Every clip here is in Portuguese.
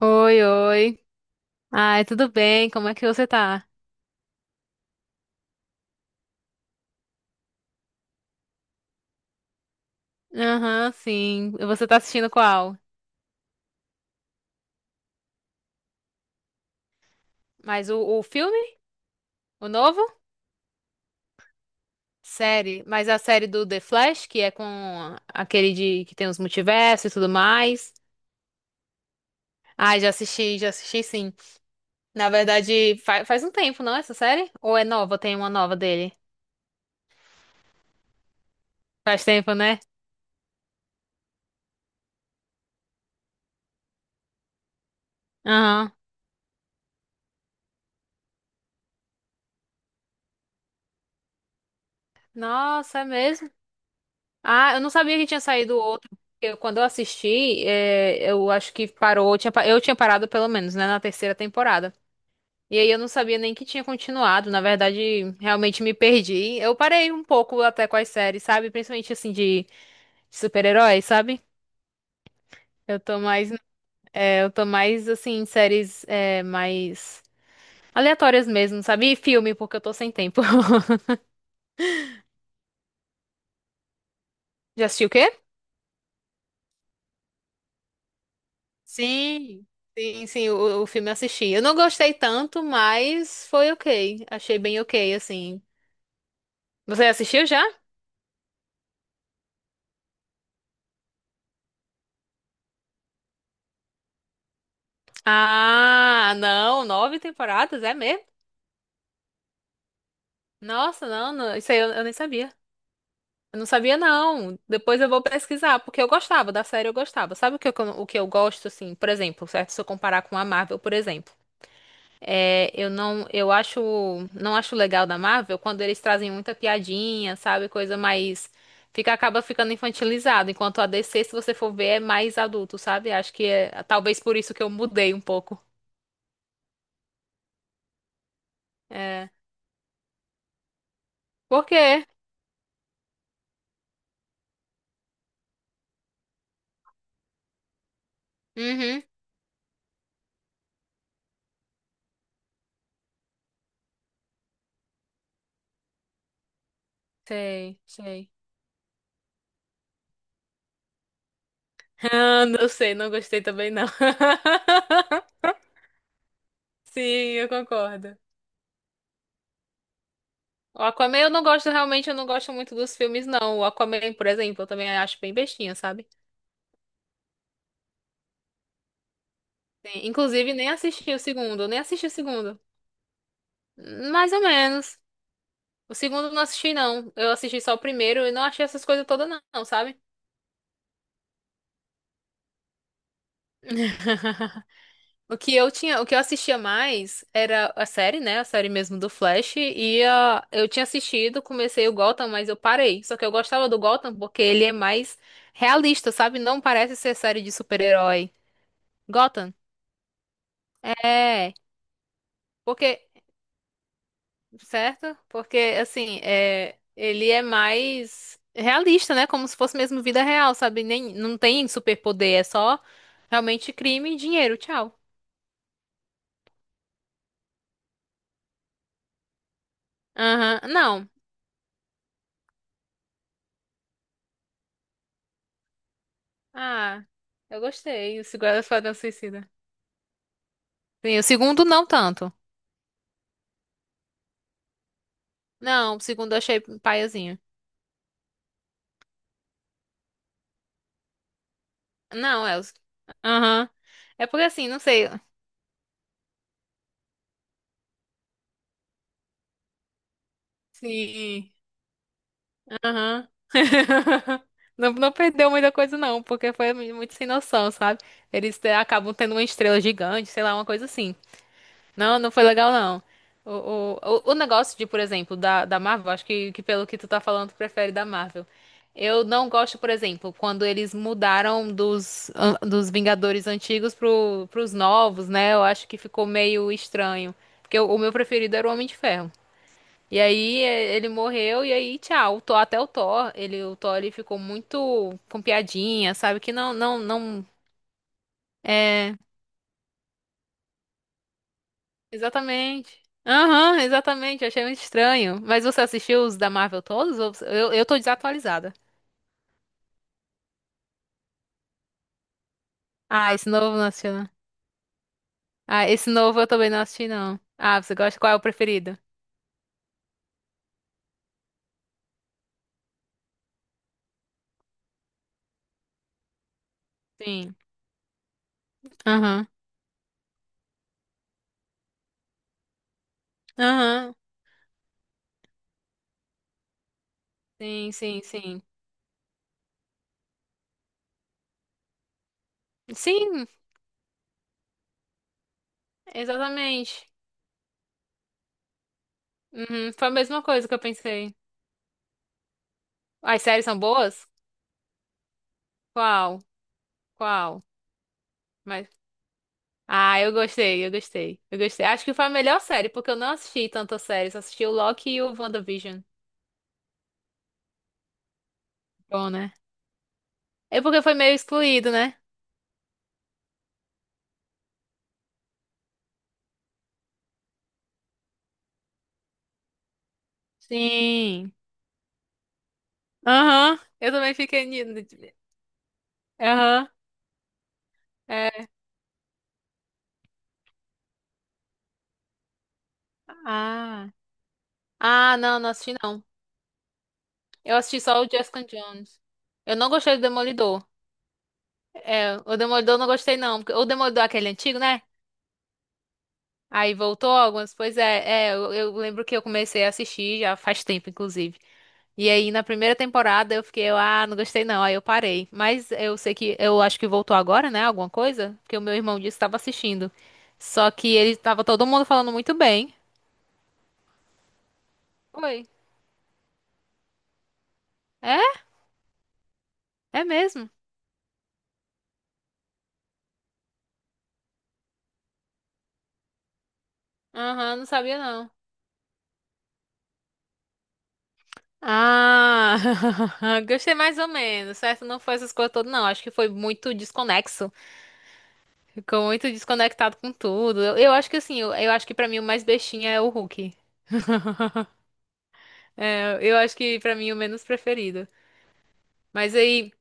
Oi, oi. Ai, tudo bem? Como é que você tá? Aham, sim. Você tá assistindo qual? Mas o filme? O novo? Série. Mas a série do The Flash, que é com aquele de que tem os multiversos e tudo mais. Ai, já assisti sim. Na verdade, faz um tempo, não, essa série? Ou é nova? Tem uma nova dele? Faz tempo, né? Aham. Nossa, é mesmo? Ah, eu não sabia que tinha saído outro. Quando eu assisti, eu acho que parou. Eu tinha parado pelo menos, né, na terceira temporada. E aí eu não sabia nem que tinha continuado. Na verdade, realmente me perdi. Eu parei um pouco até com as séries, sabe? Principalmente assim de super-heróis, sabe? Eu tô mais, eu tô mais assim em séries mais aleatórias mesmo, sabe? E filme, porque eu tô sem tempo. Já assistiu o quê? Sim, sim, sim, o filme eu assisti. Eu não gostei tanto, mas foi ok. Achei bem ok, assim. Você assistiu já? Ah, não, nove temporadas, é mesmo? Nossa, não, não, isso aí eu nem sabia. Eu não sabia, não. Depois eu vou pesquisar, porque eu gostava, da série eu gostava. Sabe o que eu gosto, assim, por exemplo, certo? Se eu comparar com a Marvel, por exemplo. É, eu não, eu acho, não acho legal da Marvel quando eles trazem muita piadinha, sabe? Coisa mais fica acaba ficando infantilizado, enquanto a DC, se você for ver, é mais adulto, sabe? Acho que é talvez por isso que eu mudei um pouco. É. Por quê? Uhum. Sei, sei. Ah, não sei, não gostei também não. Sim, eu concordo. O Aquaman eu não gosto, realmente eu não gosto muito dos filmes não. O Aquaman, por exemplo, eu também acho bem bestinha, sabe? Sim, inclusive, nem assisti o segundo, nem assisti o segundo. Mais ou menos. O segundo eu não assisti, não. Eu assisti só o primeiro e não achei essas coisas todas, não, não, sabe? O que eu assistia mais era a série, né? A série mesmo do Flash. Eu tinha assistido, comecei o Gotham, mas eu parei. Só que eu gostava do Gotham porque ele é mais realista, sabe? Não parece ser série de super-herói. Gotham? É. Porque certo? Porque, assim, ele é mais realista, né? Como se fosse mesmo vida real, sabe? Nem, não tem superpoder, é só realmente crime e dinheiro. Tchau. Aham, não. Ah, eu gostei. O Segundo Esquadrão Suicida. Sim, o segundo não tanto. Não, o segundo eu achei paiazinho. Não, é os... Aham. É porque, assim, não sei... Sim. Aham. Não, não perdeu muita coisa, não, porque foi muito sem noção, sabe? Eles acabam tendo uma estrela gigante, sei lá, uma coisa assim. Não, não foi legal, não. O, o negócio de, por exemplo, da Marvel, acho que pelo que tu tá falando, tu prefere da Marvel. Eu não gosto, por exemplo, quando eles mudaram dos Vingadores antigos pros novos, né? Eu acho que ficou meio estranho. Porque o meu preferido era o Homem de Ferro. E aí ele morreu e aí tchau. O Thor, até o Thor, o Thor ele ficou muito com piadinha, sabe? Que não, não, não. É, exatamente. Aham, exatamente. Eu achei muito estranho. Mas você assistiu os da Marvel todos? Eu tô desatualizada. Ah, esse novo não assisti, não. Ah, esse novo eu também não assisti, não. Ah, você gosta? Qual é o preferido? Sim. Aham. Aham. Sim, sim, sim. Sim, exatamente. Uhum. Foi a mesma coisa que eu pensei. As séries são boas? Qual? Qual? Mas... Ah, eu gostei, eu gostei. Eu gostei. Acho que foi a melhor série, porque eu não assisti tanta série, só assisti o Loki e o WandaVision. Bom, né? É porque foi meio excluído, né? Sim. Aham. Eu também fiquei. Aham. É. Ah. Ah, não, não assisti não. Eu assisti só o Jessica Jones. Eu não gostei do Demolidor. É, o Demolidor eu não gostei não, porque o Demolidor é aquele antigo, né? Aí voltou algumas, pois é, eu lembro que eu comecei a assistir já faz tempo, inclusive. E aí, na primeira temporada, eu fiquei, ah, não gostei não, aí eu parei. Mas eu acho que voltou agora, né, alguma coisa, porque o meu irmão disse que estava assistindo. Só que ele tava todo mundo falando muito bem. Oi. É? É mesmo? Aham, não sabia não. Ah, gostei mais ou menos, certo? Não foi essas coisas todas, não. Acho que foi muito desconexo. Ficou muito desconectado com tudo. Eu acho que assim, eu acho que pra mim o mais bestinha é o Hulk. É, eu acho que pra mim o menos preferido. Mas aí.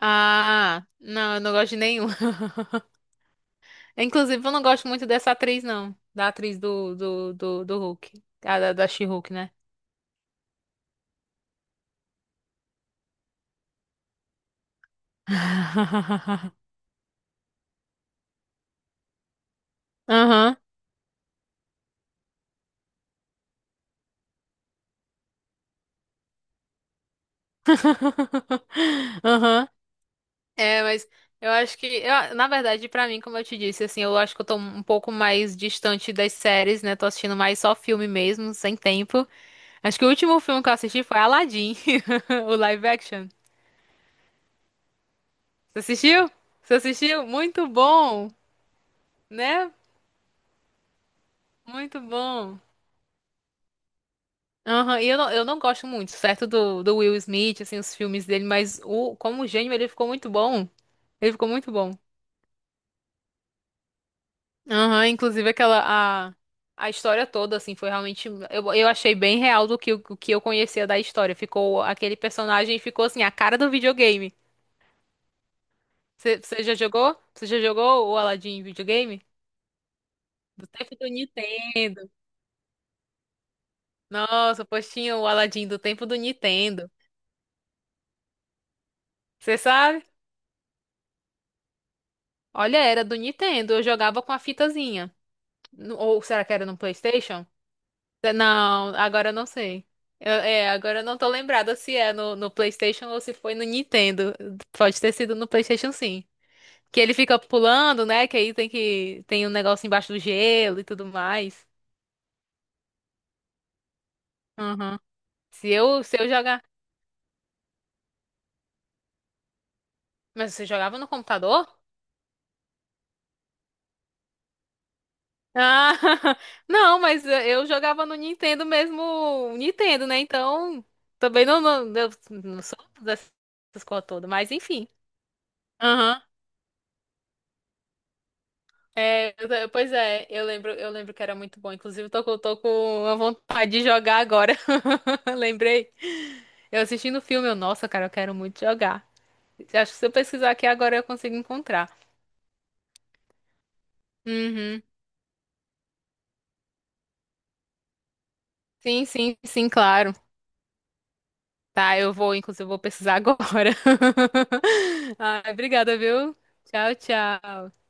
Ah, não, eu não gosto de nenhum. Inclusive, eu não gosto muito dessa atriz, não. Da atriz do Hulk. Ah, da She-Hulk, né? Aham. Aham. É, mas eu acho que, eu- na verdade, pra mim, como eu te disse, assim, eu acho que eu tô um pouco mais distante das séries, né? Tô assistindo mais só filme mesmo, sem tempo. Acho que o último filme que eu assisti foi Aladdin, o live action. Você assistiu? Você assistiu? Muito bom, né? Muito bom. Aham, e eu não gosto muito, certo, do Will Smith, assim, os filmes dele, mas como gênio ele ficou muito bom. Ele ficou muito bom. Aham, inclusive a história toda, assim, foi realmente, eu achei bem real o que eu conhecia da história. Aquele personagem ficou, assim, a cara do videogame. Você já jogou? Você já jogou o Aladdin em videogame? Do tempo do Nintendo. Nossa, pois tinha o Aladdin do tempo do Nintendo. Você sabe? Olha, era do Nintendo, eu jogava com a fitazinha. Ou será que era no PlayStation? Não, agora eu não sei. Agora eu não tô lembrada se é no PlayStation ou se foi no Nintendo. Pode ter sido no PlayStation, sim. Que ele fica pulando, né? Que aí tem um negócio embaixo do gelo e tudo mais. Aham. Se eu jogar, mas você jogava no computador? Ah, não, mas eu jogava no Nintendo mesmo, Nintendo, né? Então também não não, eu não sou dessas coisas todas, mas enfim. Aham. É, pois é, eu lembro que era muito bom. Inclusive, tô com uma vontade de jogar agora. Lembrei. Eu assistindo o filme, nossa, cara, eu quero muito jogar. Acho que se eu pesquisar aqui agora eu consigo encontrar. Uhum. Sim, sim, sim, claro. Tá, eu vou, inclusive, eu vou pesquisar agora. Ai, obrigada, viu? Tchau, tchau.